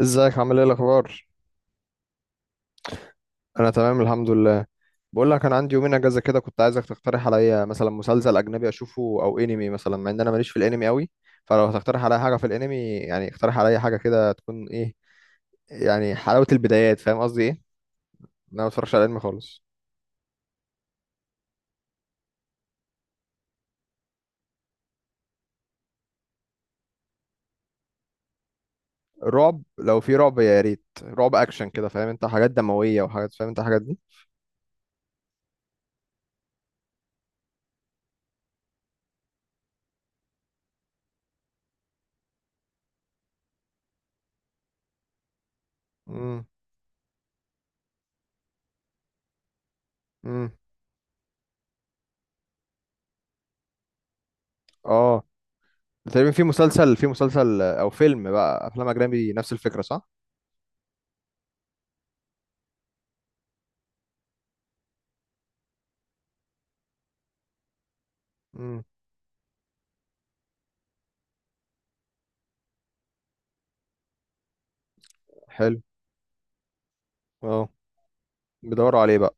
ازيك عامل ايه الاخبار؟ انا تمام الحمد لله. بقول لك انا عندي يومين اجازه كده، كنت عايزك تقترح عليا مثلا مسلسل اجنبي اشوفه او انمي مثلا، مع ان انا ماليش في الانمي قوي. فلو هتقترح عليا حاجه في الانمي، يعني اقترح عليا حاجه كده تكون ايه يعني حلاوه البدايات، فاهم قصدي ايه، إن انا ما بتفرجش على الانمي خالص. رعب، لو في رعب يا ريت، رعب اكشن كده، فاهم، انت حاجات دمويه وحاجات، فاهم انت الحاجات دي. امم. امم. اه تقريبا، في مسلسل او فيلم بقى افلام اجنبي، نفس الفكره صح؟ امم. حلو. اه. بيدوروا عليه بقى.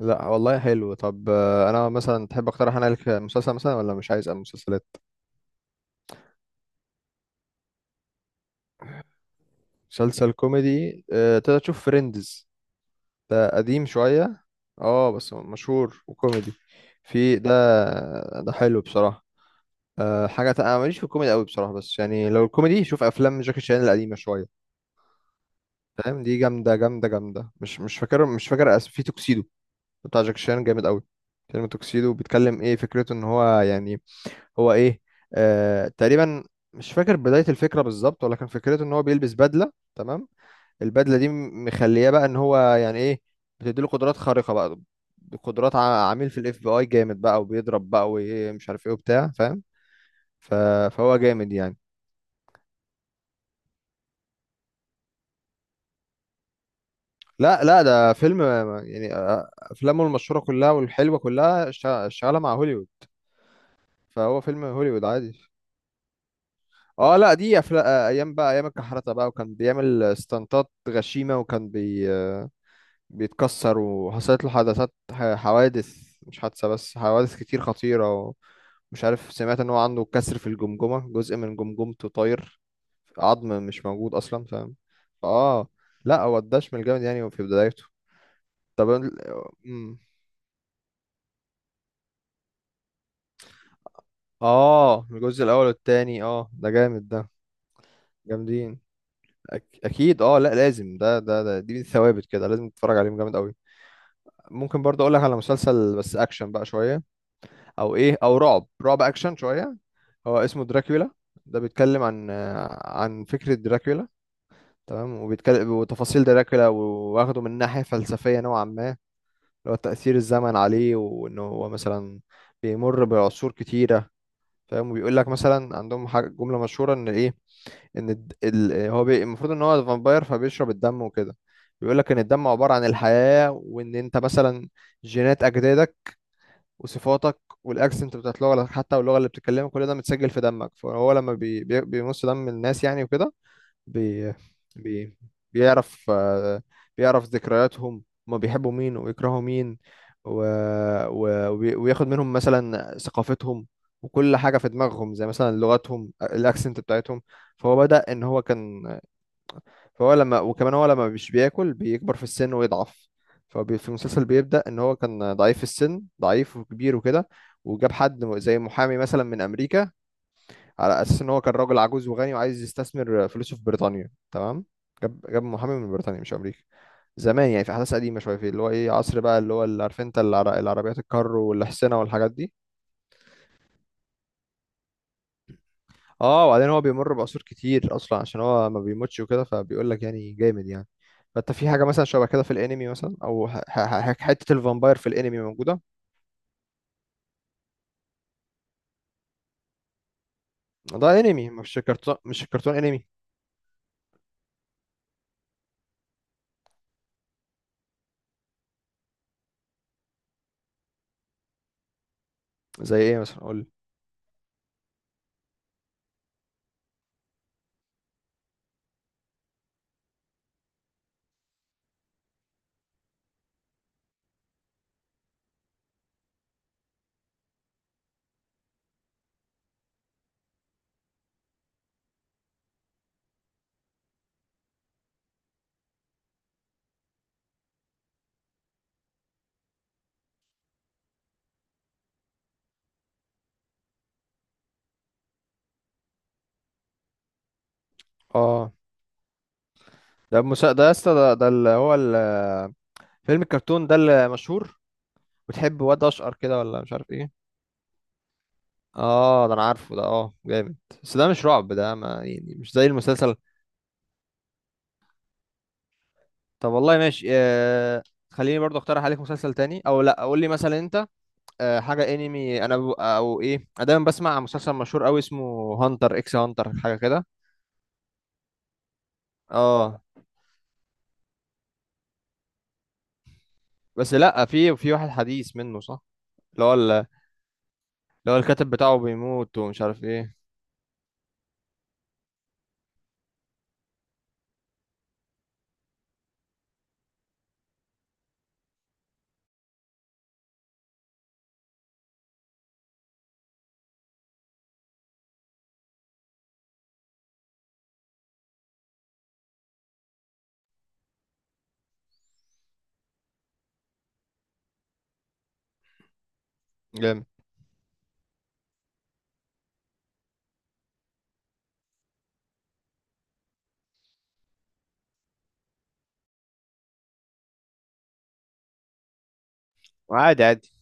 لا والله حلو. طب انا مثلا تحب اقترح انا لك مسلسل مثلا، ولا مش عايز مسلسلات؟ مسلسل كوميدي؟ تقدر تشوف فريندز. ده قديم شوية، اه بس مشهور وكوميدي. في ده. ده حلو بصراحة. أه حاجة انا ماليش في الكوميدي قوي بصراحة، بس يعني لو الكوميدي شوف افلام جاكي شان القديمة شوية، فاهم؟ دي جامدة جامدة جامدة. مش فاكر، مش فاكر في توكسيدو، بتاع جاكي شان جامد قوي. فيلم توكسيدو بيتكلم ايه، فكرته ان هو يعني، هو ايه، آه تقريبا مش فاكر بداية الفكرة بالظبط، ولكن فكرته ان هو بيلبس بدلة، تمام؟ البدلة دي مخلياه بقى ان هو يعني ايه، بتديله قدرات خارقة بقى، قدرات عميل في الاف بي اي جامد بقى، وبيضرب بقى ومش عارف ايه وبتاع، فاهم؟ ف... فهو جامد يعني. لا ده فيلم، يعني افلامه المشهورة كلها والحلوة كلها شغالة مع هوليوود، فهو فيلم هوليوود عادي. اه لا دي أفلا... آه، ايام بقى، ايام الكحرته بقى، وكان بيعمل ستانتات غشيمه، وكان بيتكسر، وحصلت له حدثات حوادث، مش حادثة بس حوادث كتير خطيرة. ومش عارف سمعت ان هو عنده كسر في الجمجمة، جزء من جمجمته طاير، عظم مش موجود اصلا، فاهم؟ اه. لا هو الدشم الجامد يعني في بدايته. طب ال- مم. اه الجزء الاول والتاني، اه ده جامد ده، جامدين. اكيد اه، لا لازم، ده دي من الثوابت كده، لازم تتفرج عليهم، جامد قوي. ممكن برضه اقول لك على مسلسل، بس اكشن بقى شوية، او ايه او رعب، رعب اكشن شوية. هو اسمه دراكولا. ده بيتكلم عن عن فكرة دراكولا، تمام؟ وبيتكلم وتفاصيل دراكولا، واخده من ناحية فلسفية نوعا ما، اللي هو تأثير الزمن عليه، وإنه هو مثلا بيمر بعصور كتيرة، فاهم؟ وبيقول لك مثلا عندهم حاجة، جملة مشهورة إن إيه، إن المفروض إن هو فامباير، فبيشرب الدم وكده. بيقول لك إن الدم عبارة عن الحياة، وإن أنت مثلا جينات أجدادك وصفاتك والاكسنت بتاعت لغتك حتى، واللغه اللي بتتكلمها، كل ده متسجل في دمك. فهو لما بيمص دم الناس يعني وكده، بي بي بيعرف بيعرف ذكرياتهم، هما بيحبوا مين ويكرهوا مين، و... وياخد منهم مثلا ثقافتهم وكل حاجة في دماغهم، زي مثلا لغتهم، الأكسنت بتاعتهم. فهو بدأ إن هو كان، فهو لما، وكمان هو لما مش بياكل بيكبر في السن ويضعف. ففي المسلسل بيبدأ ان هو كان ضعيف في السن، ضعيف وكبير وكده. وجاب حد زي محامي مثلا من امريكا، على اساس ان هو كان راجل عجوز وغني وعايز يستثمر فلوسه في بريطانيا، تمام؟ جاب محامي من بريطانيا مش امريكا، زمان يعني، في احداث قديمه شويه، في اللي هو ايه عصر بقى، اللي هو اللي عارف انت العربيات الكار والاحصنه والحاجات دي. اه وبعدين هو بيمر بعصور كتير اصلا، عشان هو ما بيموتش وكده، فبيقول لك يعني جامد يعني. فانت في حاجه مثلا شبه كده في الانمي مثلا، او حته الفامباير في الانمي موجوده. ده انمي مش كرتون، انمي. زي ايه مثلا قول لي. اه ده ده يا اسطى، ده اللي هو فيلم الكرتون ده اللي مشهور، بتحب واد اشقر كده ولا مش عارف ايه. اه ده انا عارفه ده، اه جامد. بس ده مش رعب، ده ما يعني مش زي المسلسل. طب والله ماشي خليني برضو اقترح عليك مسلسل تاني، او لا قول لي مثلا انت. حاجه انمي انا او ايه، انا دايما بسمع مسلسل مشهور قوي، اسمه هانتر اكس هانتر، حاجه كده. اه بس لا، في واحد حديث منه صح، اللي هو اللي هو الكاتب بتاعه بيموت ومش عارف ايه. جامد. وعادي عادي.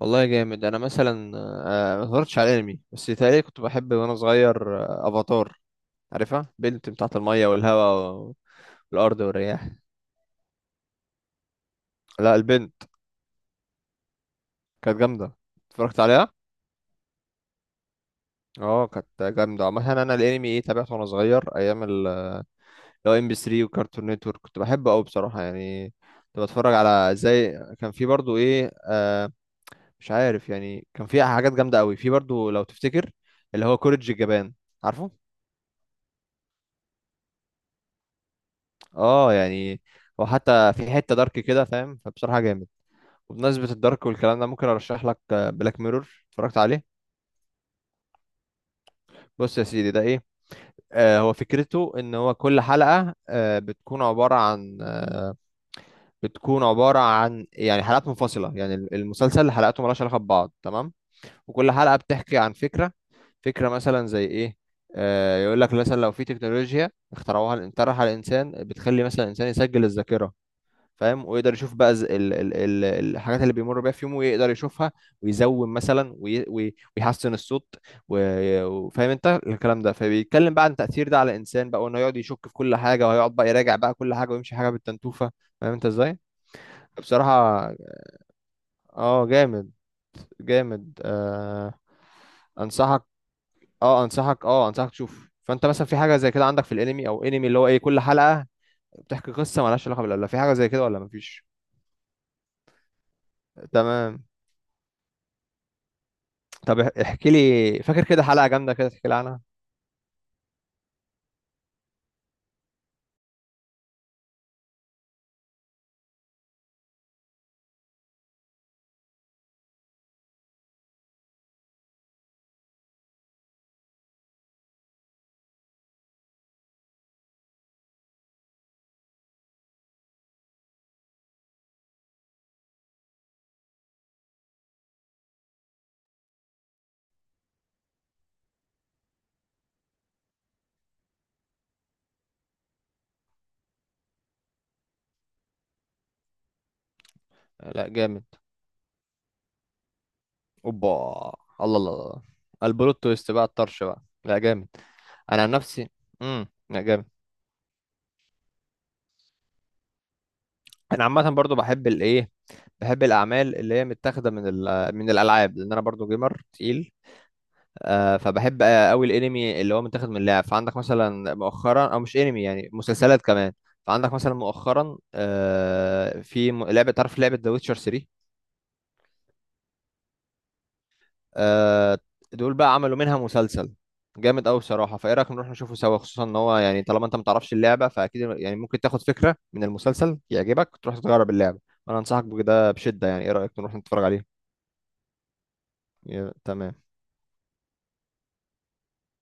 والله جامد. انا مثلا ما اتفرجتش على انمي، بس تقريبا كنت بحب وانا صغير افاتار، عارفها، بنت بتاعت الميه والهواء والارض والرياح. لا البنت، كانت جامده. اتفرجت عليها. اه كانت جامده. مثلا انا الانمي ايه تابعته وانا صغير ايام لو ام بي 3 وكارتون نتورك، كنت بحبه قوي بصراحه يعني. كنت بتفرج على زي كان في برضو ايه، آه مش عارف يعني، كان في حاجات جامده قوي في برضو لو تفتكر، اللي هو كوريدج الجبان، عارفه؟ اه يعني، وحتى في حته دارك كده فاهم، فبصراحه جامد. وبمناسبه الدارك والكلام ده، ممكن ارشح لك بلاك ميرور. اتفرجت عليه؟ بص يا سيدي ده ايه، آه هو فكرته ان هو كل حلقه بتكون عباره عن بتكون عبارة عن يعني حلقات منفصلة، يعني المسلسل حلقاته مالهاش علاقة ببعض، تمام؟ وكل حلقة بتحكي عن فكرة، فكرة مثلا زي ايه؟ يقول لك مثلا لو في تكنولوجيا اخترعوها، اخترعها الانسان بتخلي مثلا الانسان يسجل الذاكرة، فاهم؟ ويقدر يشوف بقى ز- ال ال ال الحاجات اللي بيمر بيها في يومه ويقدر يشوفها، ويزوم مثلا ويحسن الصوت، وفاهم انت الكلام ده. فبيتكلم بقى عن تأثير ده على الانسان بقى، وانه يقعد يشك في كل حاجة، وهيقعد بقى يراجع بقى كل حاجة ويمشي حاجة بالتنتوفة، فاهم انت ازاي؟ بصراحة اه جامد. جامد آه. انصحك. اه انصحك، اه انصحك تشوف. فانت مثلا في حاجة زي كده عندك في الانمي، او انمي اللي هو ايه كل حلقة بتحكي قصة مالهاش علاقة بالأولى، في حاجة زي كده ولا مفيش؟ تمام. طب احكي لي، فاكر كده حلقة جامدة كده تحكي لي عنها؟ لا جامد. اوبا. الله الله الله. البلوت تويست بقى، الطرش بقى، لا جامد. انا عن نفسي، امم، لا جامد. انا عامة برضو بحب الايه، بحب الاعمال اللي هي متاخده من من الالعاب، لان انا برضو جيمر تقيل. فبحب قوي الانمي اللي هو متاخد من اللعب. فعندك مثلا مؤخرا، او مش انمي يعني، مسلسلات كمان. فعندك مثلا مؤخرا في لعبه، تعرف لعبه ذا ويتشر 3؟ آه، دول بقى عملوا منها مسلسل جامد قوي بصراحه. فايه رايك نروح نشوفه سوا؟ خصوصا ان هو يعني، طالما انت ما تعرفش اللعبه فاكيد يعني ممكن تاخد فكره من المسلسل يعجبك تروح تجرب اللعبه. انا انصحك بده بشده. يعني ايه رايك، نروح نتفرج عليه؟ تمام.